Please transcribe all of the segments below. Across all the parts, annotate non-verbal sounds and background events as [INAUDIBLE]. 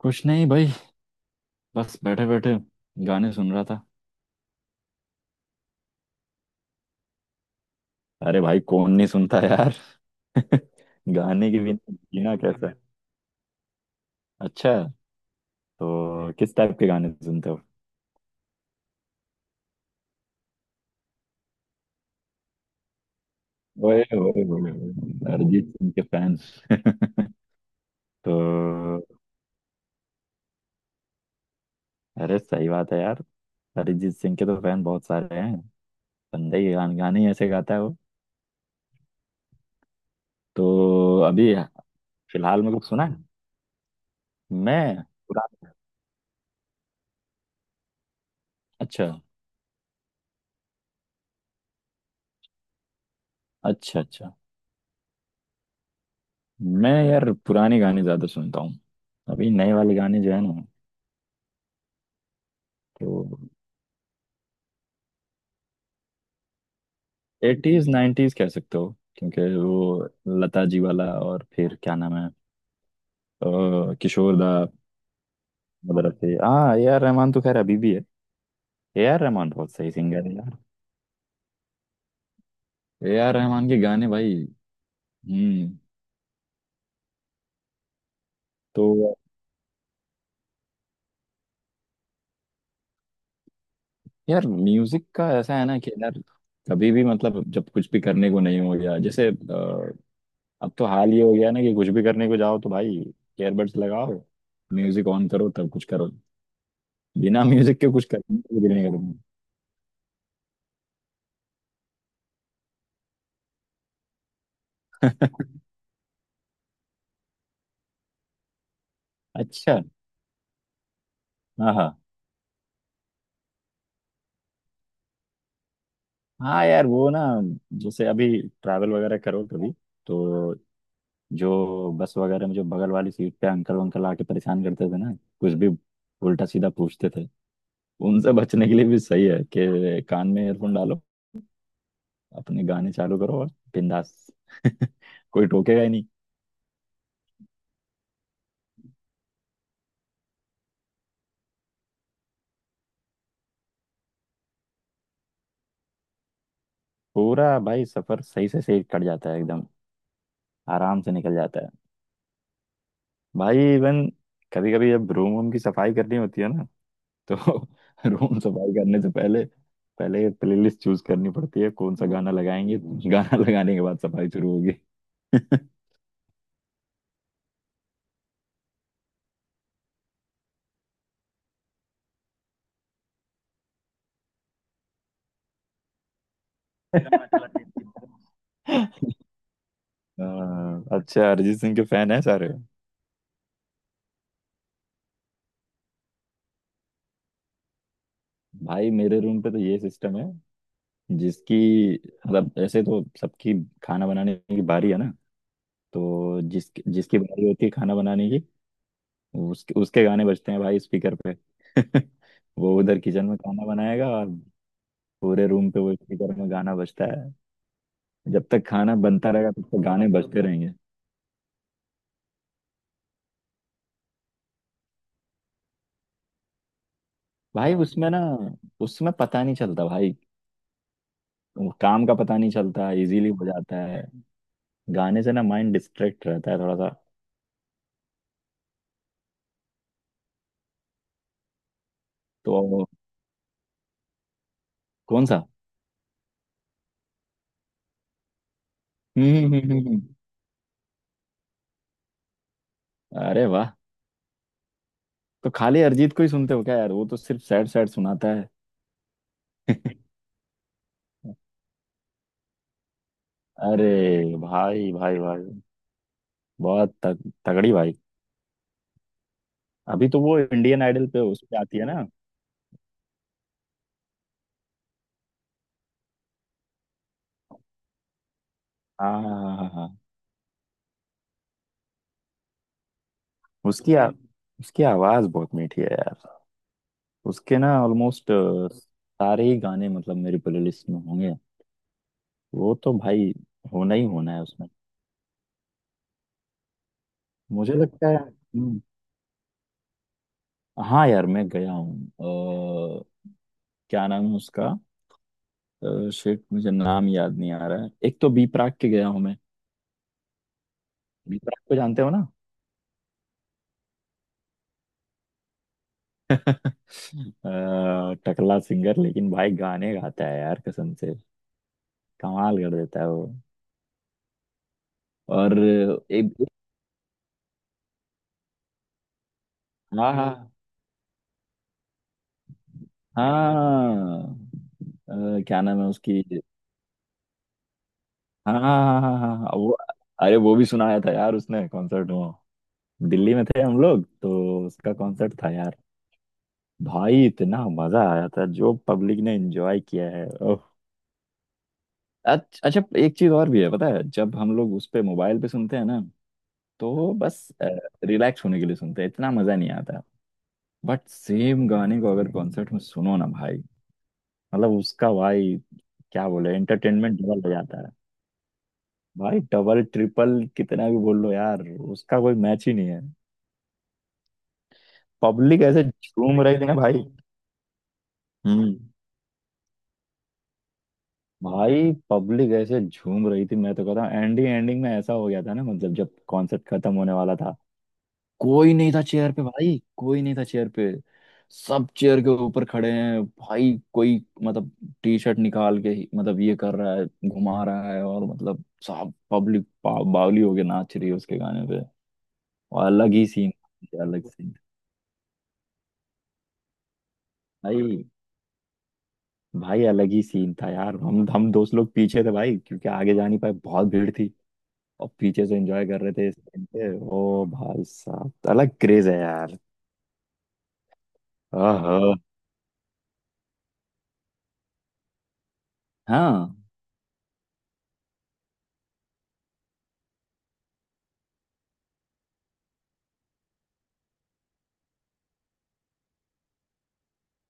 कुछ नहीं भाई। बस बैठे बैठे गाने सुन रहा था। अरे भाई कौन नहीं सुनता यार। [LAUGHS] गाने के बिना जीना कैसा है? अच्छा। तो किस टाइप के गाने सुनते हो? ओए ओए ओए ओए, अरिजीत सिंह के फैन। [LAUGHS] तो अरे सही बात है यार। अरिजीत सिंह के तो फैन बहुत सारे हैं। बंदे ही गाने ही ऐसे गाता है वो। तो अभी फिलहाल में कुछ सुना है मैं पुराना। अच्छा अच्छा अच्छा। मैं यार पुराने गाने ज्यादा सुनता हूँ। अभी नए वाले गाने जो है ना तो एटीज नाइन्टीज कह सकते हो। क्योंकि वो लता जी वाला और फिर क्या नाम है, किशोर दा वगैरह थे। हाँ ए आर रहमान तो खैर अभी भी है। ए आर रहमान बहुत सही सिंगर है यार। ए आर रहमान के गाने भाई। हम्म। तो यार म्यूजिक का ऐसा है ना कि यार कभी भी मतलब जब कुछ भी करने को नहीं हो गया जैसे अब तो हाल ये हो गया ना कि कुछ भी करने को जाओ तो भाई ईयरबड्स लगाओ, म्यूजिक ऑन करो तब कुछ करो। बिना म्यूजिक के कुछ करने को भी नहीं करूंगा। [LAUGHS] अच्छा। हाँ हाँ। हाँ यार वो ना जैसे अभी ट्रैवल वगैरह करो कभी। तो जो बस वगैरह में जो बगल वाली सीट पे अंकल वंकल आके परेशान करते थे ना, कुछ भी उल्टा सीधा पूछते थे। उनसे बचने के लिए भी सही है कि कान में ईयरफोन डालो, अपने गाने चालू करो और बिंदास। [LAUGHS] कोई टोकेगा ही नहीं। पूरा भाई सफर सही से सही कट जाता है एकदम। आराम से निकल जाता है। भाई इवन कभी कभी जब रूम वूम की सफाई करनी होती है ना तो [LAUGHS] रूम सफाई करने से पहले पहले प्लेलिस्ट चूज करनी पड़ती है कौन सा गाना लगाएंगे। गाना [LAUGHS] लगाने के बाद सफाई शुरू होगी। [LAUGHS] हाँ, अच्छा अरिजीत सिंह के फैन है सारे। भाई मेरे रूम पे तो ये सिस्टम है, जिसकी मतलब ऐसे तो सबकी खाना बनाने की बारी है ना। तो जिस जिसकी बारी होती है खाना बनाने की, उसके उसके गाने बजते हैं भाई स्पीकर पे। [LAUGHS] वो उधर किचन में खाना बनाएगा और पूरे रूम पे वो स्पीकर में गाना बजता है। जब तक खाना बनता रहेगा तब तक गाने बजते रहेंगे। भाई उसमें ना उसमें पता नहीं चलता भाई। काम का पता नहीं चलता, इजीली हो जाता है। गाने से ना माइंड डिस्ट्रैक्ट रहता है थोड़ा सा। तो कौन सा? [LAUGHS] हम्म हम्म, हम्म, हम्म। अरे वाह। तो खाली अरिजीत को ही सुनते हो क्या यार, वो तो सिर्फ सैड सैड सुनाता है। [LAUGHS] अरे भाई भाई भाई। बहुत तगड़ी भाई। अभी तो वो इंडियन आइडल पे उस पे आती है ना। हाँ हाँ हाँ हाँ हाँ। उसकी आ, उसकी आवाज बहुत मीठी है यार। उसके ना ऑलमोस्ट सारे ही गाने मतलब मेरी प्लेलिस्ट में होंगे। वो तो भाई होना ही होना है उसमें। मुझे लगता है हाँ यार मैं गया हूँ, क्या नाम है उसका। शिट मुझे नाम याद नहीं आ रहा है। एक तो बी प्राक के गया हूँ मैं। बी प्राक को जानते हो ना। टकला सिंगर लेकिन भाई गाने गाता है यार कसम से। कमाल कर देता है वो। और एक हाँ हाँ हाँ। अ, क्या नाम है उसकी। हाँ हाँ हाँ हाँ हाँ हाँ, वो अरे वो भी सुनाया था यार उसने कॉन्सर्ट में। दिल्ली में थे हम लोग तो उसका कॉन्सर्ट था यार। भाई इतना मजा आया था, जो पब्लिक ने एंजॉय किया है ओह। अच्छा एक चीज और भी है पता है, जब हम लोग उस पे मोबाइल पे सुनते हैं ना तो बस रिलैक्स होने के लिए सुनते हैं, इतना मजा नहीं आता। बट सेम गाने को अगर कॉन्सर्ट में सुनो ना भाई, मतलब उसका भाई क्या बोले एंटरटेनमेंट डबल हो जाता है। भाई डबल ट्रिपल कितना भी बोल लो यार, उसका कोई मैच ही नहीं है। पब्लिक ऐसे झूम रही थी ना भाई। हम्म भाई पब्लिक ऐसे झूम रही थी, मैं तो कहता हूँ एंडिंग एंडिंग में ऐसा हो गया था ना। मतलब जब कॉन्सर्ट खत्म होने वाला था कोई नहीं था चेयर पे भाई, कोई नहीं था चेयर पे। सब चेयर के ऊपर खड़े हैं भाई, कोई मतलब टी शर्ट निकाल के मतलब ये कर रहा है घुमा रहा है और मतलब साहब पब्लिक बावली होके नाच रही है उसके गाने पे। और अलग ही सीन, अलग सीन। भाई भाई अलग ही सीन था यार। हम दोस्त लोग पीछे थे भाई क्योंकि आगे जा नहीं पाए, बहुत भीड़ थी। और पीछे से एंजॉय कर रहे थे इस टाइम पे। ओ भाई साहब तो अलग क्रेज है यार। आहा। हाँ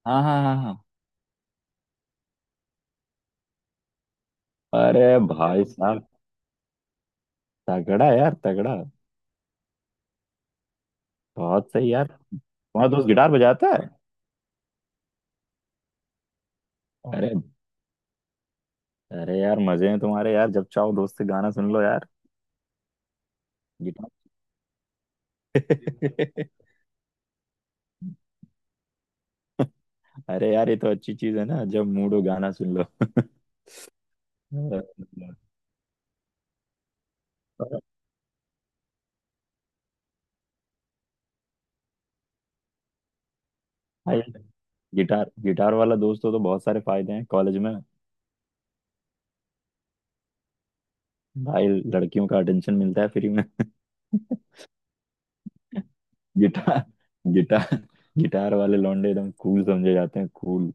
हाँ हाँ हाँ हाँ। अरे भाई साहब तगड़ा यार तगड़ा। बहुत सही यार। तुम्हारा दोस्त गिटार बजाता है। अरे अरे यार मजे हैं तुम्हारे यार, जब चाहो दोस्त से गाना सुन लो यार। गिटार। [LAUGHS] अरे यार ये तो अच्छी चीज है ना, जब मूड हो गाना सुन लो। [LAUGHS] भाई गिटार गिटार वाला दोस्त हो तो बहुत सारे फायदे हैं कॉलेज में। भाई लड़कियों का अटेंशन मिलता है फ्री में। [LAUGHS] गिटार गिटार गिटार वाले लौंडे एकदम कूल समझे जाते हैं, कूल।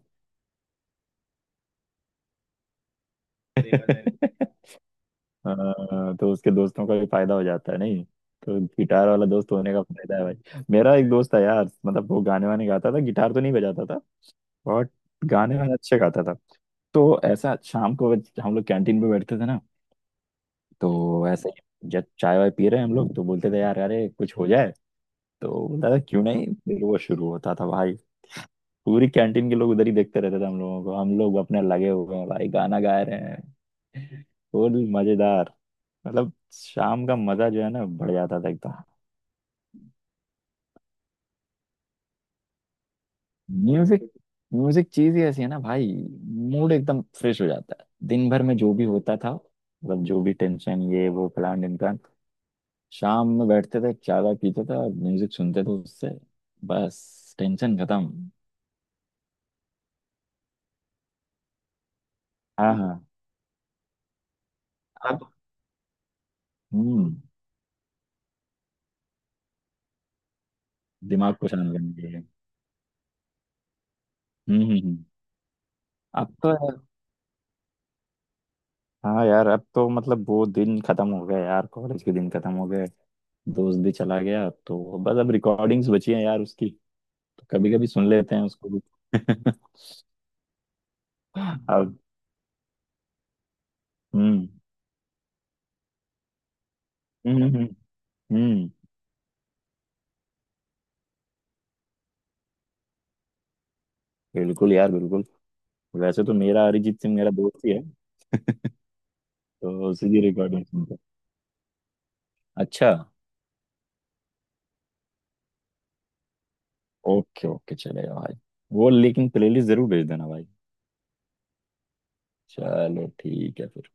[LAUGHS] हाँ, तो उसके दोस्तों का भी फायदा हो जाता है, नहीं तो गिटार वाला दोस्त होने का फायदा है भाई। मेरा एक दोस्त था यार, मतलब वो गाने वाने गाता था, गिटार तो नहीं बजाता था बट गाने वाने अच्छे गाता था। तो ऐसा शाम को हम लोग कैंटीन पे बैठते थे ना। तो ऐसे ही जब चाय वाय पी रहे हैं हम लोग तो बोलते थे यार अरे कुछ हो जाए। तो बोलता था क्यों नहीं, फिर वो शुरू होता था भाई। पूरी कैंटीन के लोग उधर ही देखते रहते थे हम लोगों को, हम लोग अपने लगे हुए हैं भाई गाना गा रहे हैं। फुल मजेदार। मतलब शाम का मजा जो है ना बढ़ जाता था एकदम। म्यूजिक म्यूजिक चीज ही ऐसी है ना भाई। मूड एकदम फ्रेश हो जाता है, दिन भर में जो भी होता था मतलब जो भी टेंशन ये वो फलान ढिमकान। शाम में बैठते थे चाय वाय पीते थे और म्यूजिक सुनते थे, उससे बस टेंशन खत्म। हाँ हाँ। अब हम्म दिमाग को शांत करने के लिए। हम्म हम्म हम्म। अब तो हाँ यार, अब तो मतलब वो दिन खत्म हो गया यार, कॉलेज के दिन खत्म हो गए। दोस्त भी चला गया तो बस अब रिकॉर्डिंग्स बची हैं यार उसकी। तो कभी कभी सुन लेते हैं उसको भी। [LAUGHS] अब हम्म हम्म हम्म हम्म, हम्म, बिल्कुल यार बिल्कुल। वैसे तो मेरा अरिजीत सिंह मेरा दोस्त ही है तो उसी की रिकॉर्डिंग सुनते हैं। अच्छा। ओके ओके चलेगा भाई। वो लेकिन प्लेलिस्ट जरूर भेज देना भाई। चलो ठीक है फिर।